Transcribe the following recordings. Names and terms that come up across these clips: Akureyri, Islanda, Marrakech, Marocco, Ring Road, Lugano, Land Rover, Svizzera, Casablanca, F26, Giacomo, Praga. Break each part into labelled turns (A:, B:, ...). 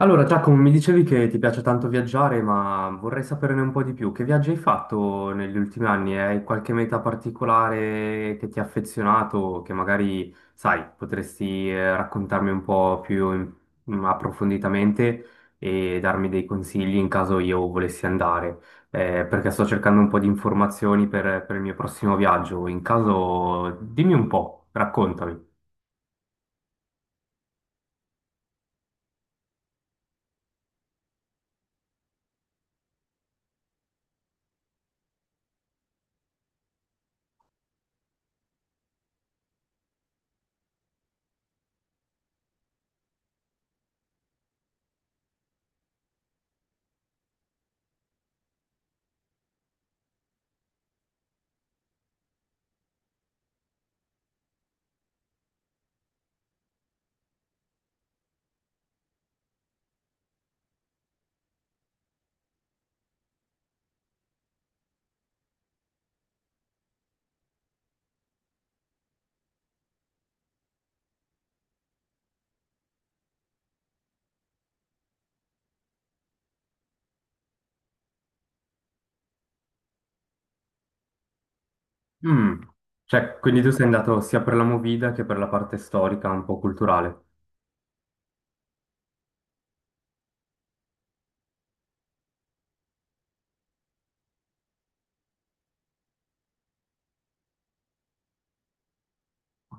A: Allora, Giacomo, mi dicevi che ti piace tanto viaggiare, ma vorrei saperne un po' di più. Che viaggi hai fatto negli ultimi anni? Hai qualche meta particolare che ti ha affezionato, che magari, sai, potresti raccontarmi un po' più approfonditamente e darmi dei consigli in caso io volessi andare? Perché sto cercando un po' di informazioni per il mio prossimo viaggio. In caso, dimmi un po', raccontami. Mm. Cioè, quindi tu sei andato sia per la movida che per la parte storica, un po' culturale.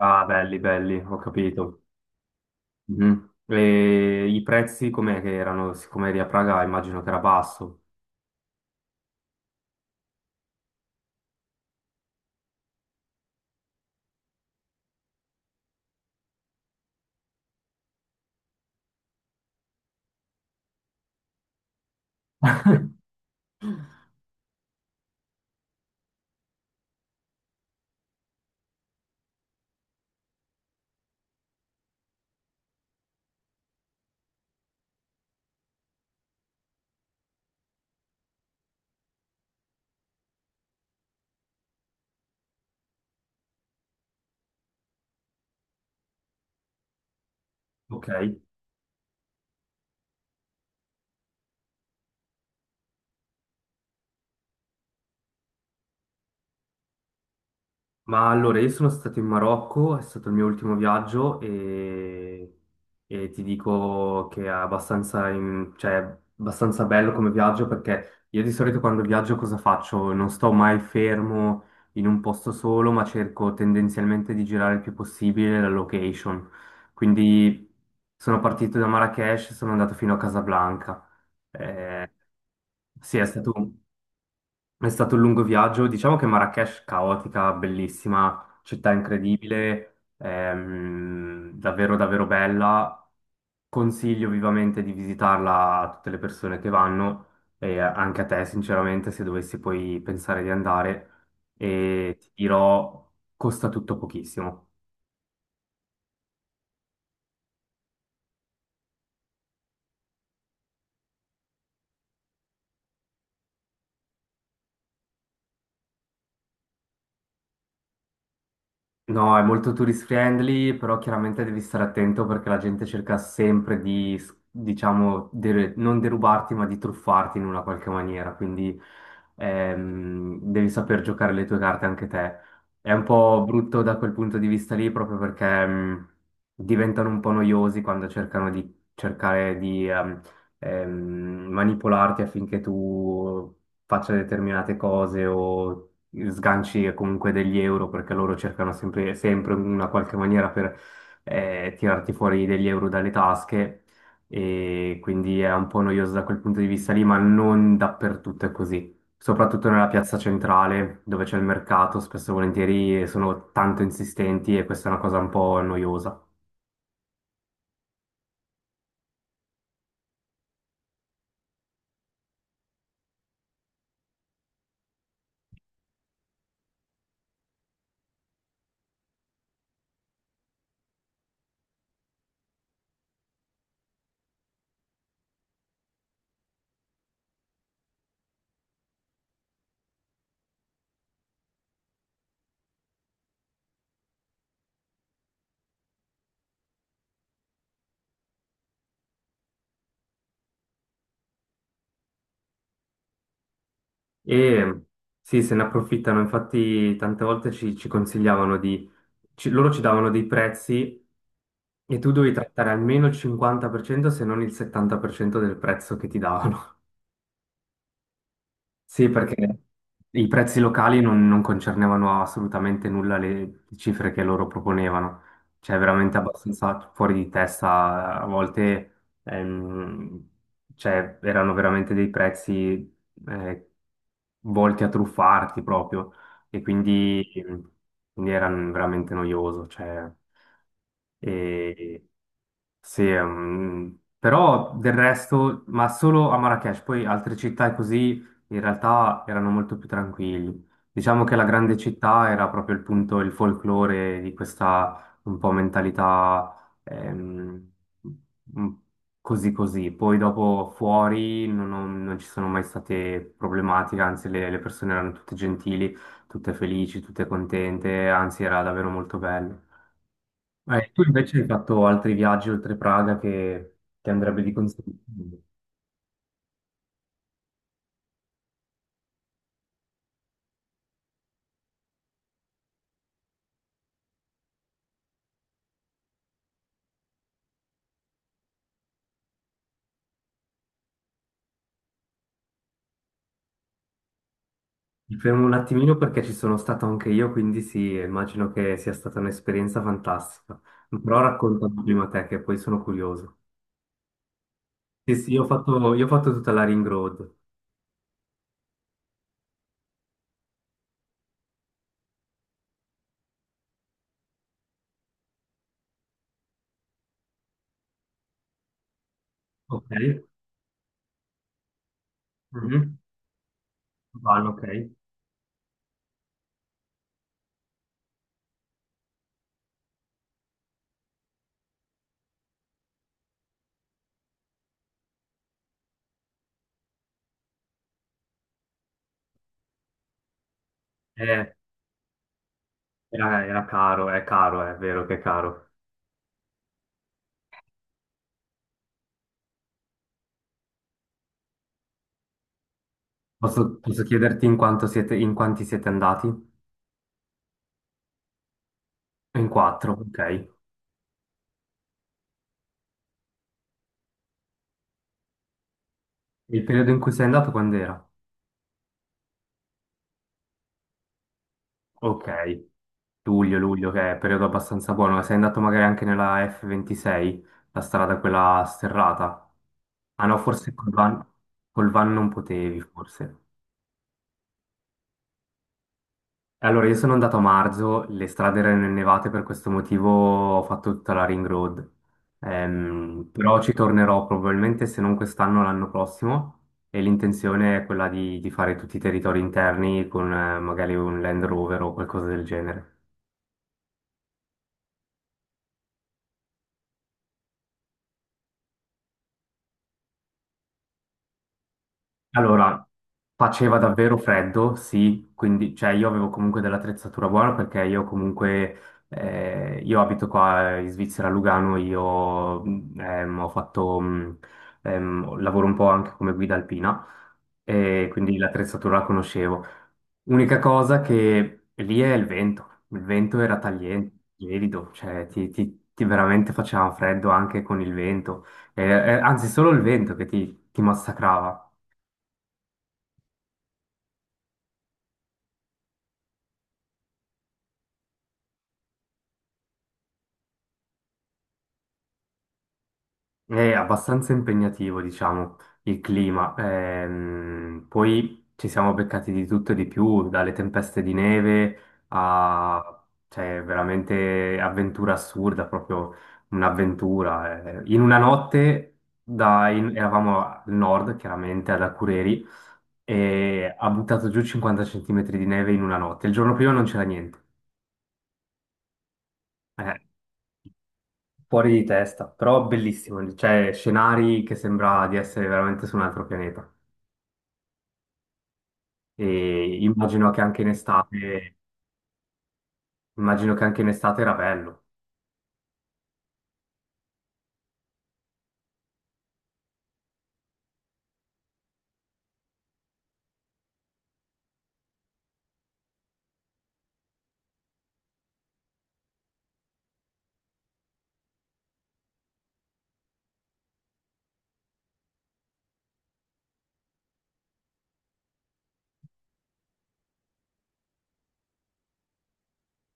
A: Ah, belli, belli, ho capito. Mhm. E i prezzi com'è che erano? Siccome eri a Praga, immagino che era basso. Ok. Ma allora, io sono stato in Marocco, è stato il mio ultimo viaggio e ti dico che è abbastanza, cioè, è abbastanza bello come viaggio perché io di solito quando viaggio cosa faccio? Non sto mai fermo in un posto solo, ma cerco tendenzialmente di girare il più possibile la location. Quindi sono partito da Marrakech e sono andato fino a Casablanca. Eh, sì, è stato, è stato un lungo viaggio, diciamo che Marrakech caotica, bellissima, città incredibile, davvero davvero bella. Consiglio vivamente di visitarla a tutte le persone che vanno e anche a te sinceramente se dovessi poi pensare di andare e ti dirò costa tutto pochissimo. No, è molto tourist friendly, però chiaramente devi stare attento perché la gente cerca sempre di, diciamo, non derubarti, ma di truffarti in una qualche maniera. Quindi devi saper giocare le tue carte anche te. È un po' brutto da quel punto di vista lì, proprio perché diventano un po' noiosi quando cercano di cercare di ehm, manipolarti affinché tu faccia determinate cose o sganci e comunque degli euro, perché loro cercano sempre, sempre in una qualche maniera per tirarti fuori degli euro dalle tasche e quindi è un po' noioso da quel punto di vista lì, ma non dappertutto è così. Soprattutto nella piazza centrale, dove c'è il mercato, spesso e volentieri sono tanto insistenti e questa è una cosa un po' noiosa. E sì, se ne approfittano, infatti tante volte ci, ci consigliavano di... loro ci davano dei prezzi. E tu dovevi trattare almeno il 50% se non il 70% del prezzo che ti davano. Sì, perché i prezzi locali non, non concernevano assolutamente nulla le cifre che loro proponevano, cioè veramente abbastanza fuori di testa, a volte ehm, cioè, erano veramente dei prezzi eh, volti a truffarti proprio e quindi, quindi era veramente noioso. Cioè, e- sì, però del resto, ma solo a Marrakech, poi altre città e così in realtà erano molto più tranquilli. Diciamo che la grande città era proprio il punto, il folklore di questa un po' mentalità mm, così così. Poi dopo fuori non, non ci sono mai state problematiche, anzi le persone erano tutte gentili, tutte felici, tutte contente, anzi era davvero molto bello. Tu invece hai fatto altri viaggi oltre Praga che ti andrebbe di consigliare? Mi fermo un attimino perché ci sono stato anche io, quindi sì, immagino che sia stata un'esperienza fantastica. Però raccontami prima te, che poi sono curioso. Sì, sì, io ho fatto tutta la Ring Road. Ok? Mhm. Vanno, ok. Eh, era caro, è vero che è caro. Posso, posso chiederti in quanti siete andati? In quattro, ok. E il periodo in cui sei andato quando era? Ok. Luglio, luglio, che è periodo abbastanza buono. Sei andato magari anche nella F26, la strada quella sterrata? Ah no, forse col van non potevi, forse. E allora, io sono andato a marzo, le strade erano innevate, per questo motivo ho fatto tutta la ring road. Però ci tornerò probabilmente, se non quest'anno, l'anno prossimo. E l'intenzione è quella di fare tutti i territori interni con magari un Land Rover o qualcosa del genere. Allora, faceva davvero freddo, sì, quindi cioè, io avevo comunque dell'attrezzatura buona perché io comunque, io abito qua in Svizzera, a Lugano, lavoro un po' anche come guida alpina e quindi l'attrezzatura la conoscevo. Unica cosa che lì è il vento era tagliente, gelido, cioè ti, ti veramente faceva freddo anche con il vento. Anzi solo il vento che ti massacrava. È abbastanza impegnativo, diciamo, il clima. Poi ci siamo beccati di tutto e di più, dalle tempeste di neve a, cioè, veramente avventura assurda, proprio un'avventura. Eh. In una notte eravamo al nord, chiaramente, ad Akureyri, e ha buttato giù 50 centimetri di neve in una notte. Il giorno prima non c'era niente. Eh. Fuori di testa, però bellissimo, cioè scenari che sembra di essere veramente su un altro pianeta. E immagino che anche in estate, immagino che anche in estate era bello.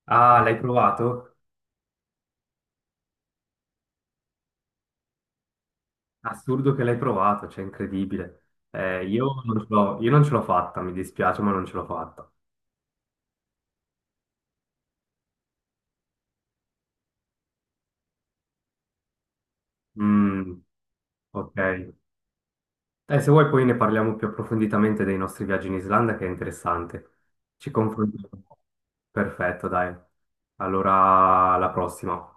A: Ah, l'hai provato? Assurdo che l'hai provato, cioè incredibile. Io non ce l'ho fatta, mi dispiace, ma non ce l'ho fatta. Mm, ok. Se vuoi poi ne parliamo più approfonditamente dei nostri viaggi in Islanda, che è interessante. Ci confrontiamo. Perfetto, dai. Allora, alla prossima.